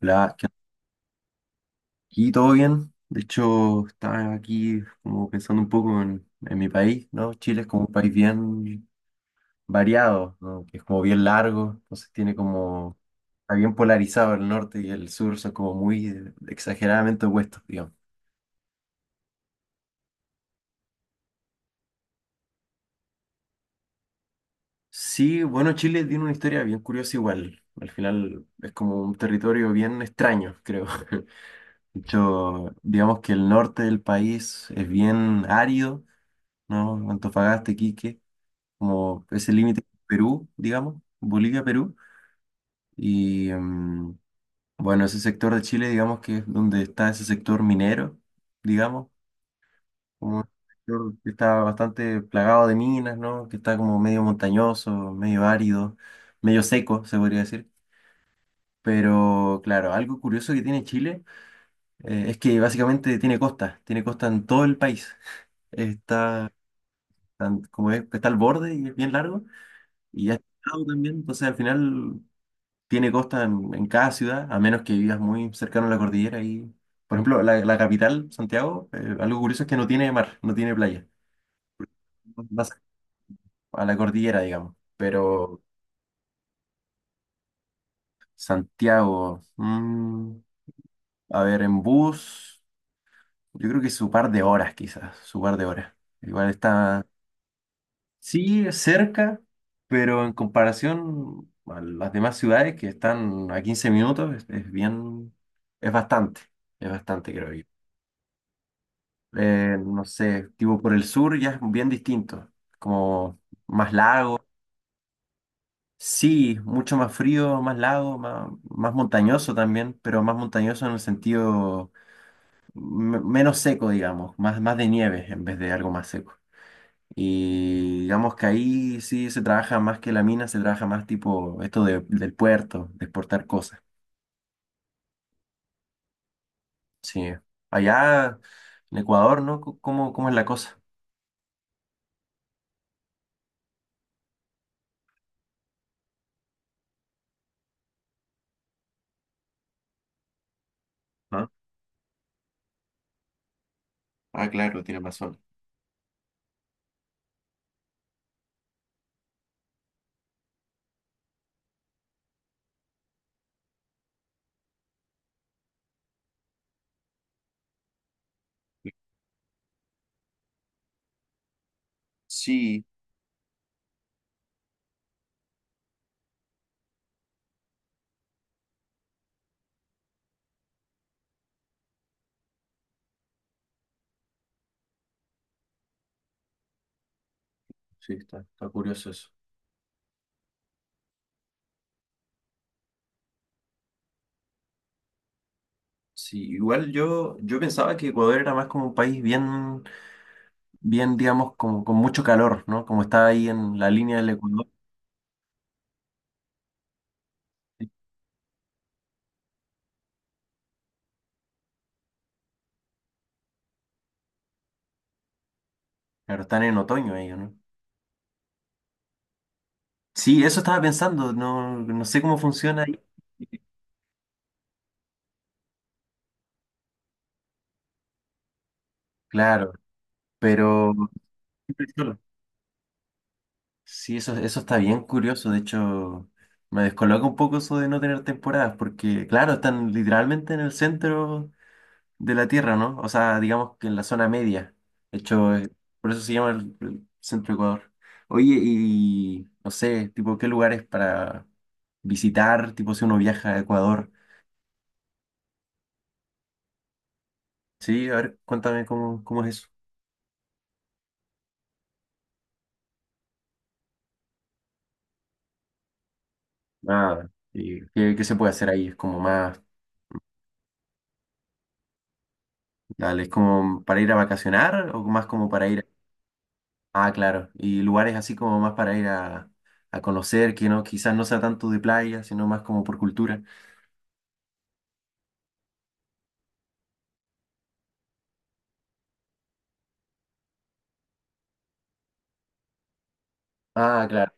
Hola, ¿qué onda? Aquí todo bien. De hecho, estaba aquí como pensando un poco en mi país, ¿no? Chile es como un país bien variado, ¿no? Que es como bien largo, entonces tiene como, está bien polarizado el norte y el sur, son como muy exageradamente opuestos, digamos. Sí, bueno, Chile tiene una historia bien curiosa igual. Al final es como un territorio bien extraño, creo. De hecho, digamos que el norte del país es bien árido, ¿no? Antofagasta, Iquique. Como ese límite con Perú, digamos, Bolivia-Perú. Y bueno, ese sector de Chile, digamos que es donde está ese sector minero, digamos, como un sector que está bastante plagado de minas, ¿no? Que está como medio montañoso, medio árido, medio seco, se podría decir. Pero claro, algo curioso que tiene Chile es que básicamente tiene costa en todo el país. Está, está al borde y es bien largo. Y ya está al lado también, entonces al final tiene costa en cada ciudad, a menos que vivas muy cercano a la cordillera. Y, por ejemplo, la capital, Santiago, algo curioso es que no tiene mar, no tiene playa. Más a la cordillera, digamos. Pero Santiago, mm, a ver, en bus, yo creo que su par de horas, quizás, su par de horas. Igual está, sí, cerca, pero en comparación a las demás ciudades que están a 15 minutos, es bien, es bastante, es bastante, creo yo. No sé, tipo por el sur ya es bien distinto, como más lago, sí, mucho más frío, más lago, más montañoso también, pero más montañoso en el sentido menos seco, digamos, más de nieve en vez de algo más seco. Y digamos que ahí sí se trabaja más que la mina, se trabaja más tipo del puerto, de exportar cosas. Sí, allá en Ecuador, ¿no? ¿Cómo, cómo es la cosa? Ah, ah, claro, tiene razón. Sí. Sí, está, está curioso eso. Sí, igual yo pensaba que Ecuador era más como un país bien, bien, digamos, como con mucho calor, ¿no? Como está ahí en la línea del Ecuador. Sí. Claro, están en otoño ellos, ¿no? Sí, eso estaba pensando, no, no sé cómo funciona ahí. Claro, pero sí, eso está bien curioso. De hecho, me descoloca un poco eso de no tener temporadas, porque claro, están literalmente en el centro de la Tierra, ¿no? O sea, digamos que en la zona media. De hecho, por eso se llama el centro de Ecuador. Oye, y no sé, tipo, ¿qué lugares para visitar? Tipo, si uno viaja a Ecuador. Sí, a ver, cuéntame cómo, cómo es eso. Nada. ¿Y qué, qué se puede hacer ahí? Es como más, dale, es como para ir a vacacionar o más como para ir. Ah, claro. Y lugares así como más para ir a conocer, que no, quizás no sea tanto de playa, sino más como por cultura. Ah, claro.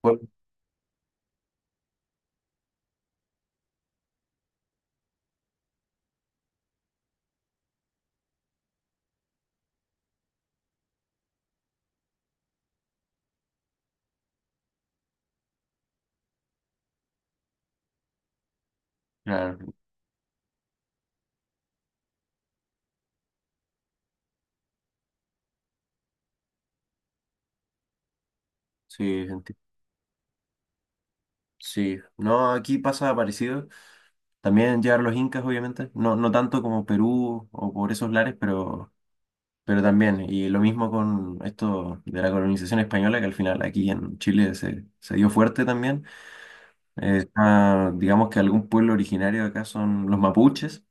Pueblo. Claro, sí, entiendo. Sí, no, aquí pasa parecido. También llegaron los incas, obviamente. No, no tanto como Perú o por esos lares, pero también. Y lo mismo con esto de la colonización española, que al final aquí en Chile se, se dio fuerte también. Está, digamos que algún pueblo originario de acá son los mapuches.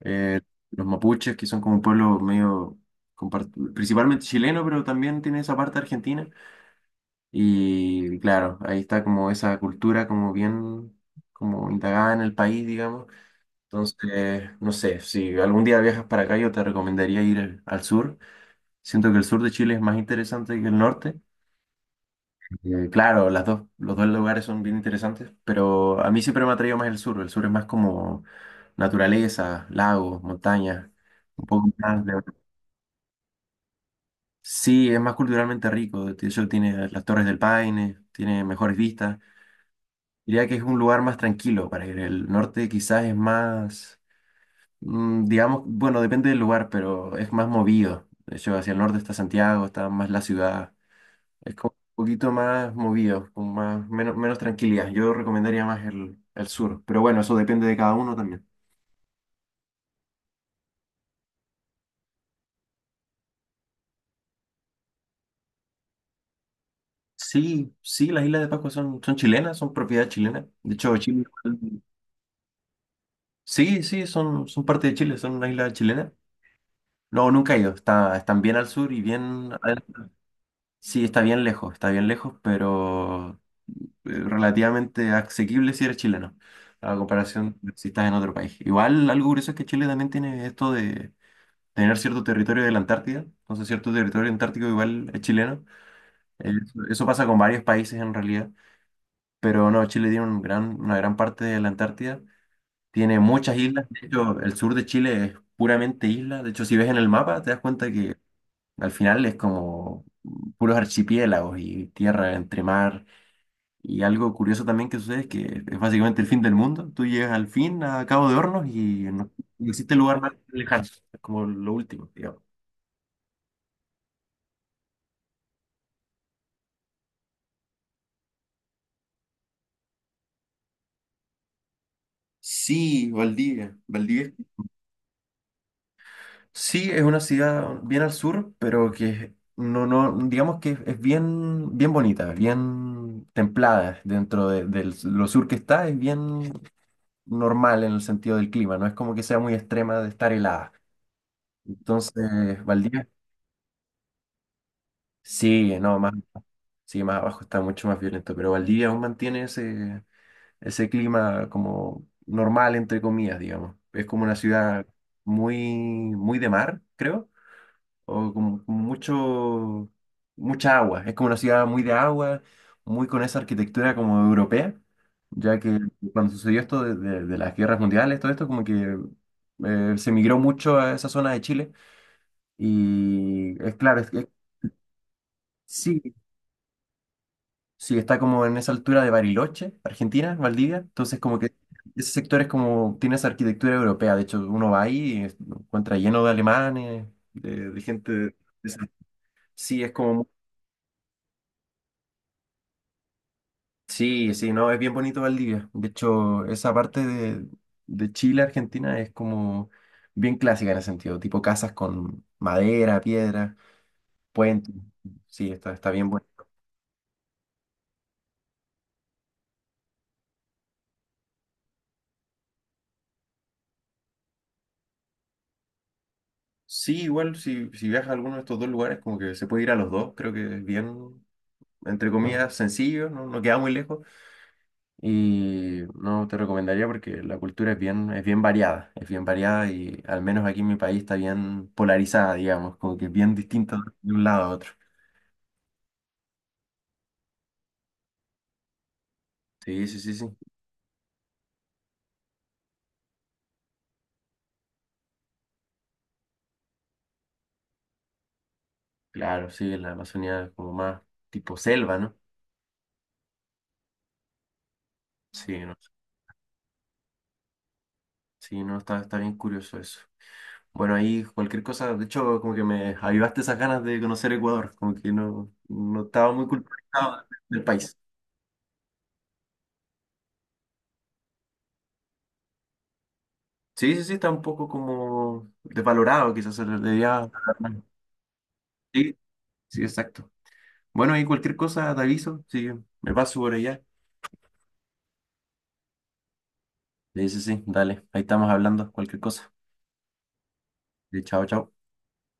Eh, los mapuches, que son como un pueblo medio principalmente chileno, pero también tiene esa parte argentina. Y claro, ahí está como esa cultura como bien como indagada en el país, digamos. Entonces, no sé, si algún día viajas para acá, yo te recomendaría ir al sur. Siento que el sur de Chile es más interesante que el norte. Claro, los dos lugares son bien interesantes, pero a mí siempre me ha atraído más el sur. El sur es más como naturaleza, lagos, montañas, un poco más de... Sí, es más culturalmente rico. De hecho, tiene las Torres del Paine, tiene mejores vistas. Diría que es un lugar más tranquilo para ir. El norte quizás es más, mm, digamos, bueno, depende del lugar, pero es más movido. De hecho, hacia el norte está Santiago, está más la ciudad. Es como un poquito más movido, con más, menos, menos tranquilidad. Yo recomendaría más el sur, pero bueno, eso depende de cada uno también. Sí, sí, las Islas de Pascua son, son chilenas, son propiedad chilena. De hecho, Chile, igual- sí, sí, son, son parte de Chile, son una isla chilena. No, nunca he ido. Está, están bien al sur y bien... adentro. Sí, está bien lejos, pero relativamente asequible si eres chileno, a comparación de si estás en otro país. Igual algo curioso es que Chile también tiene esto de tener cierto territorio de la Antártida, entonces cierto territorio antártico igual es chileno. Eso, eso pasa con varios países en realidad, pero no, Chile tiene un gran, una gran parte de la Antártida, tiene muchas islas, de hecho el sur de Chile es puramente isla, de hecho si ves en el mapa te das cuenta que al final es como puros archipiélagos y tierra entre mar. Y algo curioso también que sucede es que es básicamente el fin del mundo. Tú llegas al fin, a Cabo de Hornos, y no, no existe lugar más lejano. Es como lo último, digamos. Sí, Valdivia. Valdivia. Sí, es una ciudad bien al sur, pero que no, no, digamos que es bien, bien bonita, es bien templada dentro de, lo sur que está, es bien normal en el sentido del clima, no es como que sea muy extrema de estar helada. Entonces, Valdivia, sí, no, más, sí, más abajo está mucho más violento, pero Valdivia aún mantiene ese, ese clima como normal, entre comillas, digamos. Es como una ciudad muy, muy de mar, creo, o como con mucho, mucha agua. Es como una ciudad muy de agua, muy con esa arquitectura como europea, ya que cuando sucedió esto de las guerras mundiales, todo esto como que se migró mucho a esa zona de Chile y es claro, es, que... Sí, sí, está como en esa altura de Bariloche, Argentina, Valdivia. Entonces, como que ese sector es como, tiene esa arquitectura europea. De hecho, uno va ahí lo encuentra lleno de alemanes, de gente. Esa- Sí, es como, sí, sí, no, es bien bonito Valdivia. De hecho, esa parte de Chile, Argentina, es como bien clásica en ese sentido. Tipo casas con madera, piedra, puentes. Sí, está, está bien bueno. Sí, igual si, si viajas a alguno de estos dos lugares, como que se puede ir a los dos, creo que es bien, entre comillas, sencillo, no, no queda muy lejos. Y no te recomendaría porque la cultura es bien variada y al menos aquí en mi país está bien polarizada, digamos, como que es bien distinta de un lado a otro. Sí, sí, sí, sí. Claro, sí, en la Amazonía es como más tipo selva, ¿no? Sí, no, sí, no, está, está bien curioso eso. Bueno, ahí cualquier cosa, de hecho, como que me avivaste esas ganas de conocer Ecuador, como que no, no estaba muy culturizado del país. Sí, sí, sí, está un poco como desvalorado, quizás se le debería pagar más. Sí, sí, exacto. Bueno, y cualquier cosa te aviso, sí, me paso por allá. Sí, sí, sí, dale, ahí estamos hablando, cualquier cosa. Sí, chao, chao.